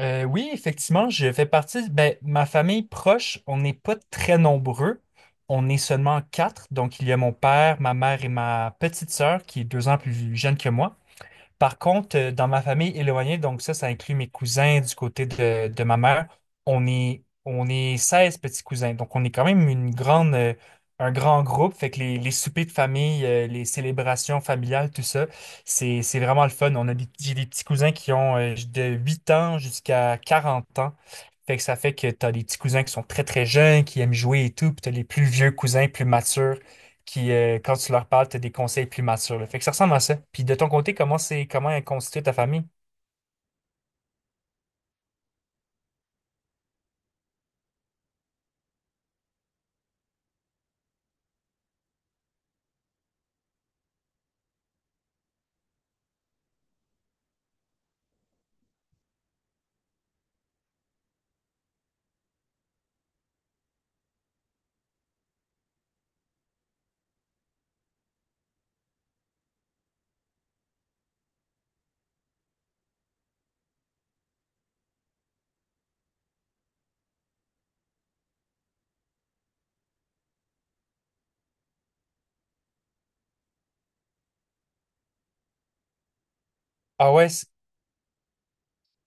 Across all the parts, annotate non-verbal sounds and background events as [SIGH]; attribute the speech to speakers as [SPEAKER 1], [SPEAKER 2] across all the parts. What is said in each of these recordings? [SPEAKER 1] Oui, effectivement, je fais partie. Ben, ma famille proche, on n'est pas très nombreux. On est seulement quatre. Donc, il y a mon père, ma mère et ma petite sœur qui est 2 ans plus jeune que moi. Par contre, dans ma famille éloignée, donc ça inclut mes cousins du côté de ma mère, on est 16 petits cousins. Donc, on est quand même un grand groupe. Fait que les soupers de famille, les célébrations familiales, tout ça, c'est vraiment le fun. J'ai des petits cousins qui ont de 8 ans jusqu'à 40 ans. Fait que ça fait que tu as des petits cousins qui sont très, très jeunes, qui aiment jouer et tout, puis tu as les plus vieux cousins, plus matures, qui, quand tu leur parles, t'as des conseils plus matures, là. Fait que ça ressemble à ça. Puis de ton côté, comment est constituée ta famille? Ah, ouais.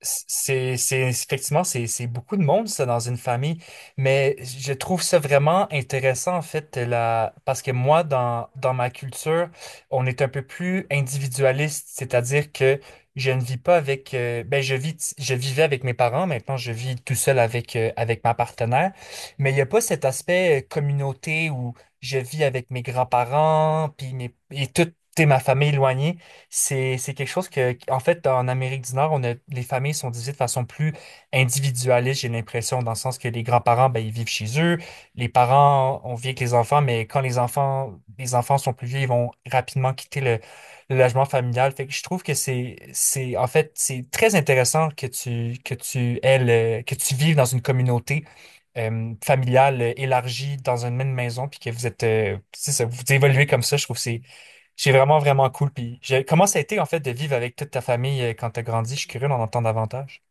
[SPEAKER 1] Effectivement, c'est beaucoup de monde, ça, dans une famille, mais je trouve ça vraiment intéressant, en fait, la, parce que moi, dans ma culture, on est un peu plus individualiste, c'est-à-dire que je ne vis pas avec, ben, je vivais avec mes parents. Maintenant, je vis tout seul avec ma partenaire, mais il n'y a pas cet aspect communauté où je vis avec mes grands-parents, et toute, t'sais, ma famille éloignée. C'est quelque chose que, en fait, en Amérique du Nord, les familles sont divisées de façon plus individualiste, j'ai l'impression, dans le sens que les grands-parents, ben, ils vivent chez eux. Les parents, on vit avec les enfants, mais quand les enfants sont plus vieux, ils vont rapidement quitter le logement familial. Fait que je trouve que en fait, c'est très intéressant que tu vives dans une communauté familiale élargie dans une même maison, puis que vous êtes, c'est ça, vous évoluez comme ça. Je trouve que c'est vraiment, vraiment cool. Comment ça a été, en fait, de vivre avec toute ta famille quand tu as grandi? Je suis curieux d'en entendre davantage.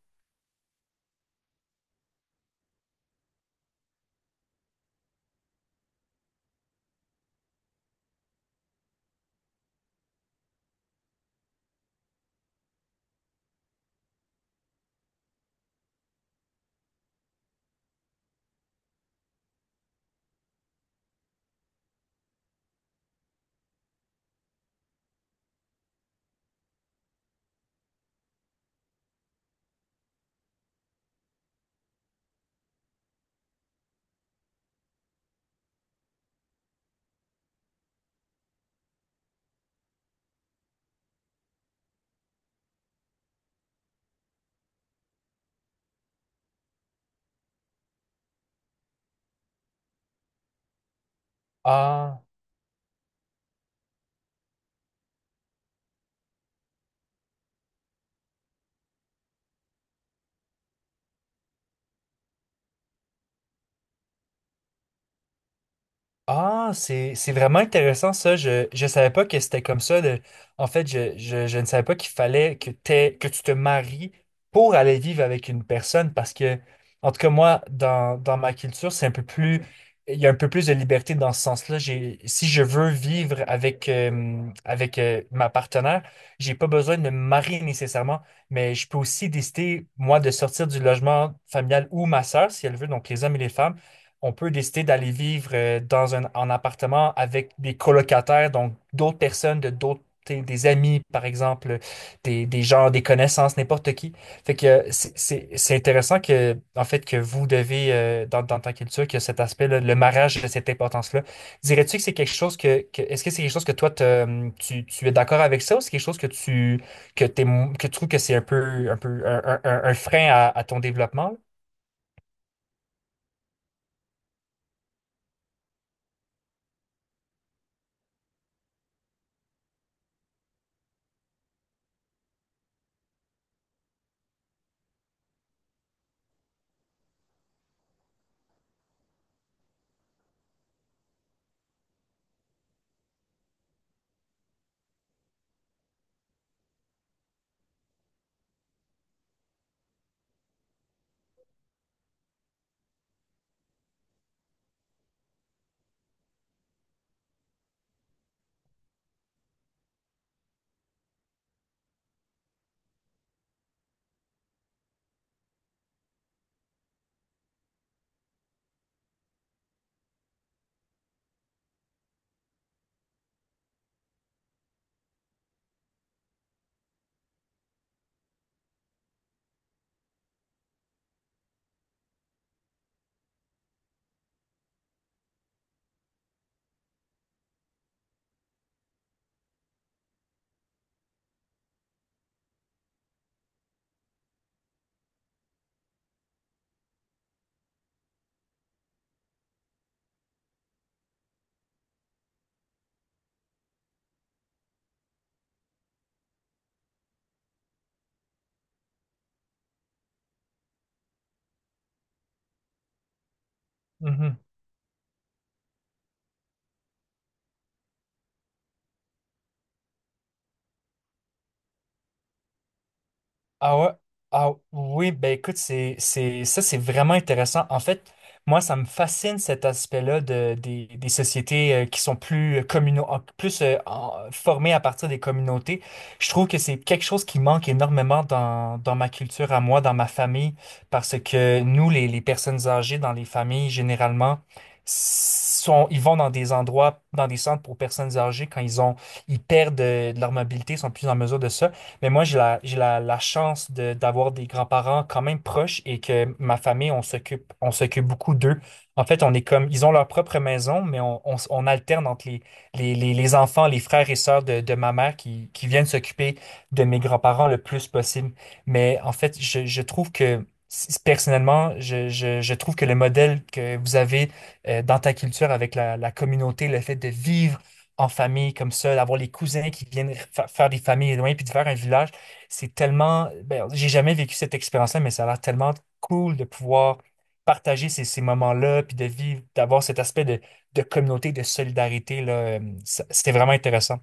[SPEAKER 1] Ah. Ah, c'est vraiment intéressant ça. Je savais pas que c'était comme ça. En fait, je ne savais pas qu'il fallait que tu te maries pour aller vivre avec une personne, parce que en tout cas moi, dans ma culture, c'est un peu plus il y a un peu plus de liberté dans ce sens-là. J'ai Si je veux vivre avec ma partenaire, j'ai pas besoin de me marier nécessairement, mais je peux aussi décider moi de sortir du logement familial, ou ma sœur si elle veut. Donc les hommes et les femmes, on peut décider d'aller vivre dans un en appartement avec des colocataires, donc d'autres personnes, de d'autres des amis, par exemple, des gens, des connaissances, n'importe qui. Fait que c'est intéressant que, en fait, que vous devez, dans ta culture, que cet aspect-là, le mariage, a cette importance-là. Dirais-tu que c'est quelque chose est-ce que c'est quelque chose que tu es d'accord avec ça, ou c'est quelque chose que t'es, que tu trouves que c'est un peu, un peu, un frein à ton développement? Ah ouais, ah oui, ben écoute. Ça c'est vraiment intéressant. En fait, moi, ça me fascine cet aspect-là des sociétés qui sont plus communaux, plus formées à partir des communautés. Je trouve que c'est quelque chose qui manque énormément dans ma culture à moi, dans ma famille, parce que nous, les personnes âgées dans les familles, généralement, ils vont dans des endroits, dans des centres pour personnes âgées quand ils perdent de leur mobilité, ils sont plus en mesure de ça. Mais moi, j'ai la chance d'avoir des grands-parents quand même proches, et que ma famille, on s'occupe beaucoup d'eux. En fait, on est comme, ils ont leur propre maison, mais on alterne entre les enfants, les frères et sœurs de ma mère qui viennent s'occuper de mes grands-parents le plus possible. Mais en fait, je trouve que, s- personnellement, je trouve que le modèle que vous avez dans ta culture avec la communauté, le fait de vivre en famille comme ça, d'avoir les cousins qui viennent faire des familles éloignées puis de faire un village, c'est tellement. Ben, j'ai jamais vécu cette expérience-là, mais ça a l'air tellement cool de pouvoir partager ces moments-là, puis de vivre, d'avoir cet aspect de communauté, de solidarité, là. C'était vraiment intéressant.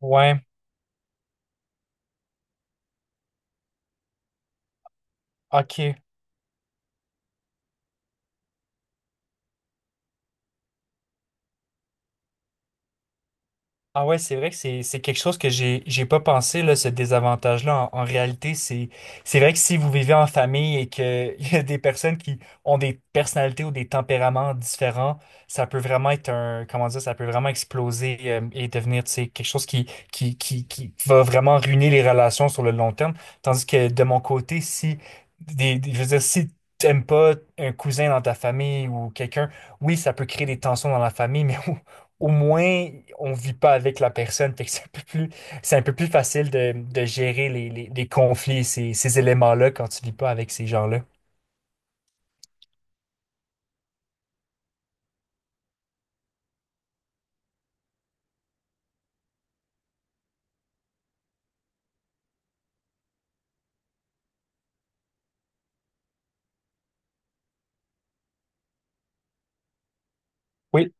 [SPEAKER 1] Ouais, ok. Ah ouais, c'est vrai que c'est quelque chose que j'ai pas pensé là, ce désavantage-là. En réalité, c'est vrai que si vous vivez en famille et que [LAUGHS] il y a des personnes qui ont des personnalités ou des tempéraments différents, ça peut vraiment être un comment dire, ça peut vraiment exploser, et devenir, tu sais, quelque chose qui va vraiment ruiner les relations sur le long terme. Tandis que de mon côté, si des, des- je veux dire, si t'aimes pas un cousin dans ta famille ou quelqu'un, oui, ça peut créer des tensions dans la famille, mais [LAUGHS] au moins, on vit pas avec la personne. Fait que c'est un peu plus facile de gérer les conflits, ces éléments-là, quand tu vis pas avec ces gens-là. Oui,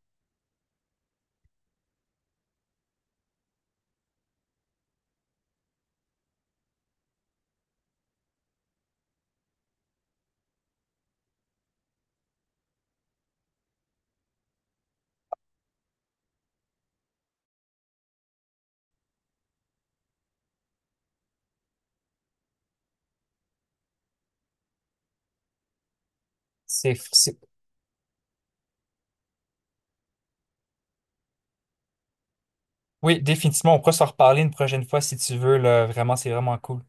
[SPEAKER 1] c'est, c'est- oui, définitivement. On pourra s'en reparler une prochaine fois si tu veux, là. Vraiment, c'est vraiment cool.